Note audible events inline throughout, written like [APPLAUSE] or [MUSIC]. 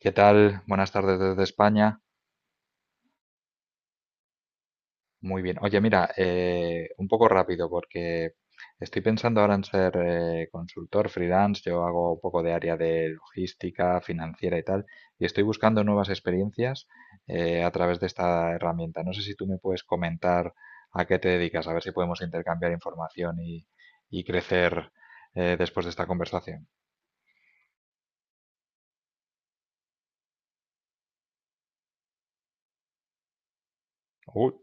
¿Qué tal? Buenas tardes desde España. Muy bien. Oye, mira, un poco rápido porque estoy pensando ahora en ser consultor freelance. Yo hago un poco de área de logística, financiera y tal, y estoy buscando nuevas experiencias a través de esta herramienta. No sé si tú me puedes comentar a qué te dedicas, a ver si podemos intercambiar información y crecer después de esta conversación. ¡Uy!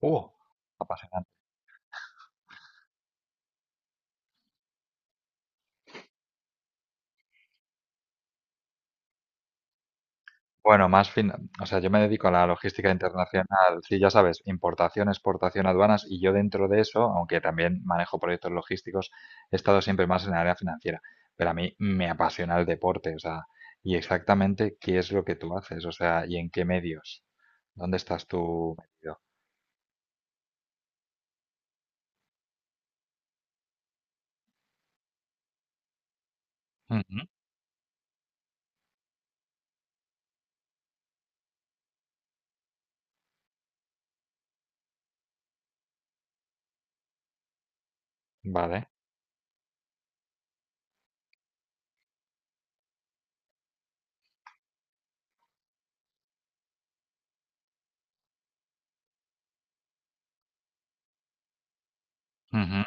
¡Uh! Bueno, más fin, o sea, yo me dedico a la logística internacional, sí, ya sabes, importación, exportación, aduanas, y yo dentro de eso, aunque también manejo proyectos logísticos, he estado siempre más en el área financiera, pero a mí me apasiona el deporte, o sea, y exactamente qué es lo que tú haces, o sea, y en qué medios, dónde estás tú metido. Ujú. Vale. Ujú.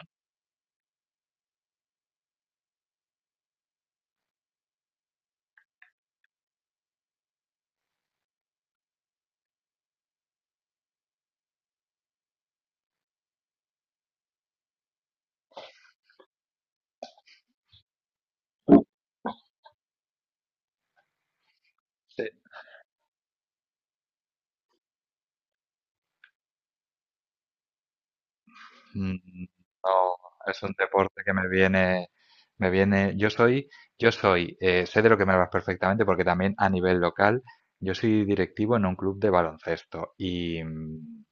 Sí. Mm. Es un deporte que me viene, me viene. Yo soy, sé de lo que me hablas perfectamente, porque también a nivel local, yo soy directivo en un club de baloncesto y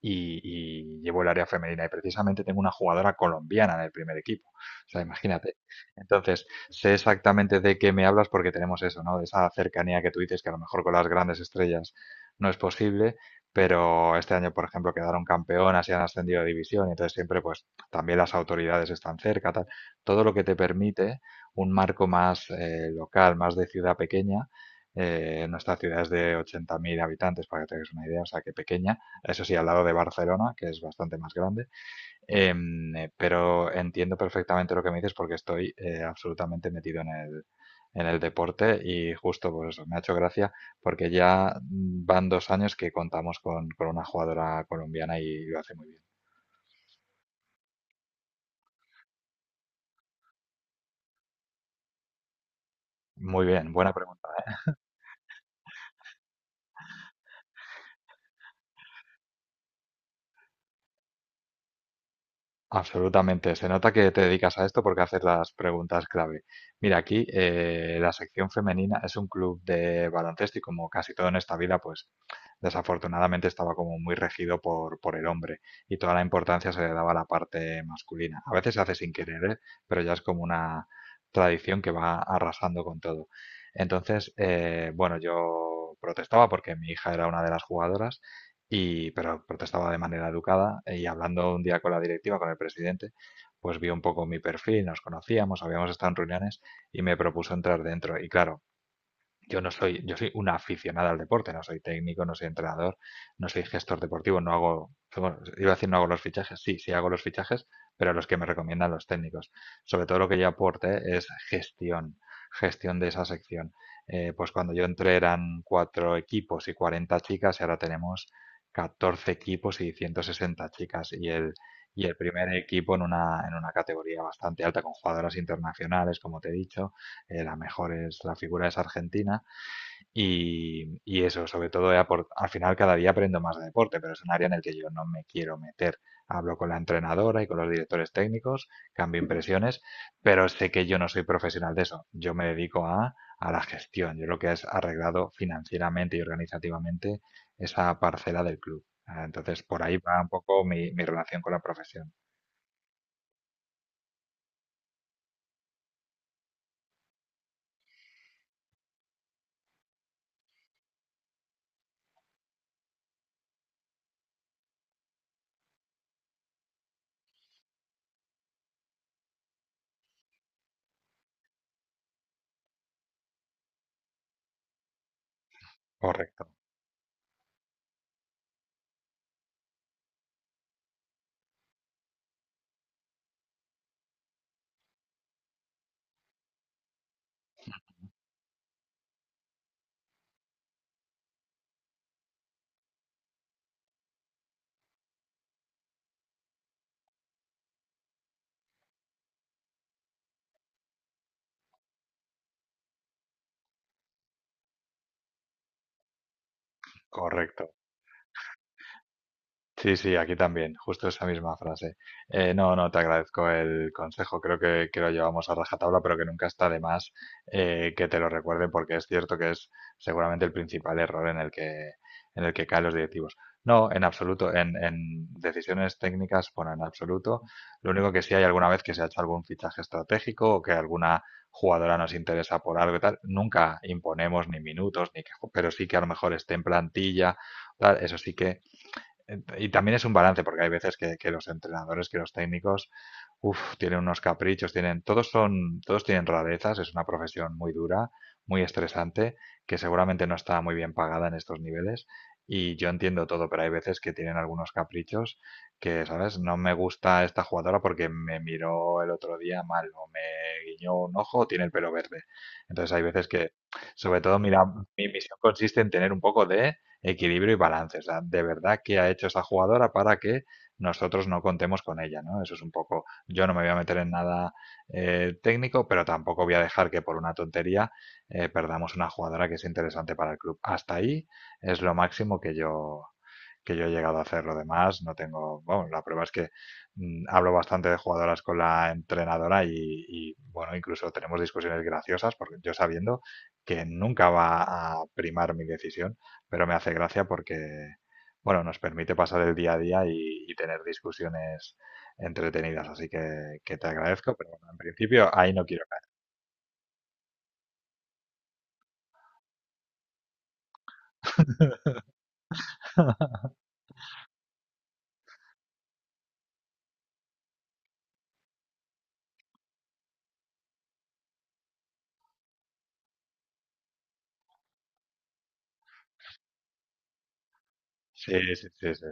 y llevo el área femenina. Y precisamente tengo una jugadora colombiana en el primer equipo. O sea, imagínate. Entonces, sé exactamente de qué me hablas porque tenemos eso, ¿no? De esa cercanía que tú dices que a lo mejor con las grandes estrellas no es posible, pero este año, por ejemplo, quedaron campeonas y han ascendido de división, y entonces siempre, pues, también las autoridades están cerca, tal. Todo lo que te permite un marco más local, más de ciudad pequeña. Nuestra ciudad es de 80.000 habitantes, para que te hagas una idea, o sea que pequeña, eso sí, al lado de Barcelona, que es bastante más grande. Eh, pero entiendo perfectamente lo que me dices porque estoy absolutamente metido en el deporte y justo pues eso, me ha hecho gracia porque ya van 2 años que contamos con una jugadora colombiana y lo hace muy bien. Muy bien, buena pregunta. Absolutamente. Se nota que te dedicas a esto porque haces las preguntas clave. Mira, aquí la sección femenina es un club de baloncesto y como casi todo en esta vida, pues desafortunadamente estaba como muy regido por el hombre y toda la importancia se le daba a la parte masculina. A veces se hace sin querer, ¿eh? Pero ya es como una tradición que va arrasando con todo. Entonces, bueno, yo protestaba porque mi hija era una de las jugadoras y, pero protestaba de manera educada y hablando un día con la directiva, con el presidente, pues vio un poco mi perfil, nos conocíamos, habíamos estado en reuniones y me propuso entrar dentro. Y claro, yo no soy, yo soy una aficionada al deporte, no soy técnico, no soy entrenador, no soy gestor deportivo, no hago, bueno, iba a decir no hago los fichajes, sí, sí hago los fichajes, pero los que me recomiendan los técnicos. Sobre todo lo que yo aporte es gestión, gestión de esa sección. Pues cuando yo entré eran cuatro equipos y 40 chicas y ahora tenemos 14 equipos y 160 chicas y el primer equipo en una categoría bastante alta con jugadoras internacionales, como te he dicho, la mejor es, la figura es argentina y eso, sobre todo, al final cada día aprendo más de deporte, pero es un área en el que yo no me quiero meter. Hablo con la entrenadora y con los directores técnicos, cambio impresiones, pero sé que yo no soy profesional de eso. Yo me dedico a la gestión. Yo lo que es arreglado financieramente y organizativamente esa parcela del club. Ah, entonces, por ahí va un poco mi relación con la profesión. Correcto, correcto. Sí, sí, aquí también, justo esa misma frase. No, no, te agradezco el consejo, creo que lo llevamos a rajatabla, pero que nunca está de más que te lo recuerde, porque es cierto que es seguramente el principal error en el que caen los directivos. No, en absoluto, en decisiones técnicas, bueno, en absoluto. Lo único que sí hay alguna vez que se ha hecho algún fichaje estratégico o que alguna jugadora nos interesa por algo y tal, nunca imponemos ni minutos, ni que, pero sí que a lo mejor esté en plantilla, tal, eso sí que Ent- y también es un balance, porque hay veces que los entrenadores, que los técnicos, uf, tienen unos caprichos, tienen, todos son, todos tienen rarezas, es una profesión muy dura, muy estresante, que seguramente no está muy bien pagada en estos niveles. Y yo entiendo todo, pero hay veces que tienen algunos caprichos que, ¿sabes? No me gusta esta jugadora porque me miró el otro día mal, o me guiñó un ojo, o tiene el pelo verde. Entonces hay veces que, sobre todo, mira, mi misión consiste en tener un poco de equilibrio y balance. O sea, de verdad, ¿qué ha hecho esa jugadora para que nosotros no contemos con ella? ¿No? Eso es un poco, yo no me voy a meter en nada técnico, pero tampoco voy a dejar que por una tontería perdamos una jugadora que es interesante para el club. Hasta ahí es lo máximo que yo he llegado a hacer lo demás, no tengo, bueno, la prueba es que hablo bastante de jugadoras con la entrenadora y, bueno, incluso tenemos discusiones graciosas, porque yo sabiendo que nunca va a primar mi decisión, pero me hace gracia porque, bueno, nos permite pasar el día a día y tener discusiones entretenidas, así que te agradezco, pero bueno, en principio ahí no quiero caer. [LAUGHS] Sí, sí, sí, sí, sí,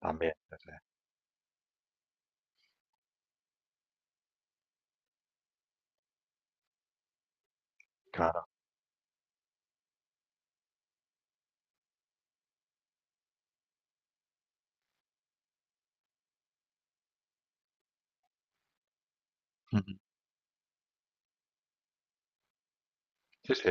también, sí, sí, claro. [LAUGHS] Sí, sí.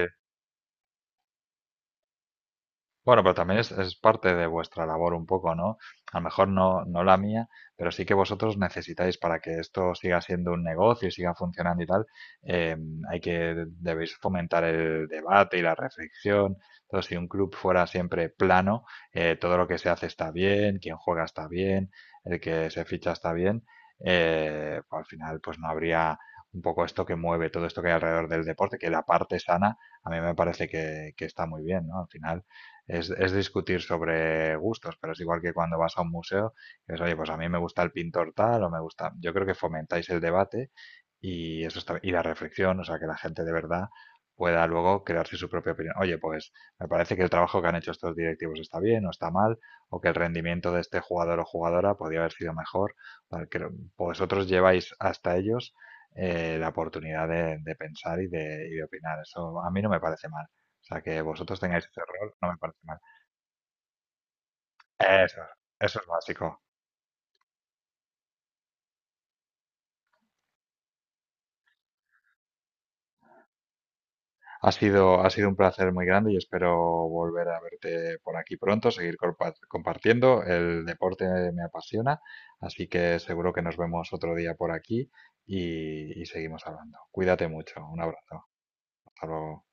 Bueno, pero también es parte de vuestra labor un poco, ¿no? A lo mejor no, no la mía, pero sí que vosotros necesitáis para que esto siga siendo un negocio y siga funcionando y tal, eh, hay que, debéis fomentar el debate y la reflexión. Entonces, si un club fuera siempre plano, todo lo que se hace está bien, quien juega está bien, el que se ficha está bien, pues al final pues no habría un poco esto que mueve todo esto que hay alrededor del deporte, que la parte sana a mí me parece que está muy bien, ¿no? Al final es discutir sobre gustos, pero es igual que cuando vas a un museo, que es, oye, pues a mí me gusta el pintor tal o me gusta. Yo creo que fomentáis el debate y eso está, y la reflexión, o sea, que la gente de verdad pueda luego crearse su propia opinión. Oye, pues me parece que el trabajo que han hecho estos directivos está bien o está mal, o que el rendimiento de este jugador o jugadora podría haber sido mejor. Porque vosotros lleváis hasta ellos la oportunidad de pensar y de opinar. Eso a mí no me parece mal. O sea, que vosotros tengáis ese rol no me parece mal. Eso, eso es básico. Ha sido un placer muy grande y espero volver a verte por aquí pronto, seguir compa- compartiendo. El deporte me apasiona, así que seguro que nos vemos otro día por aquí y seguimos hablando. Cuídate mucho. Un abrazo. Hasta luego.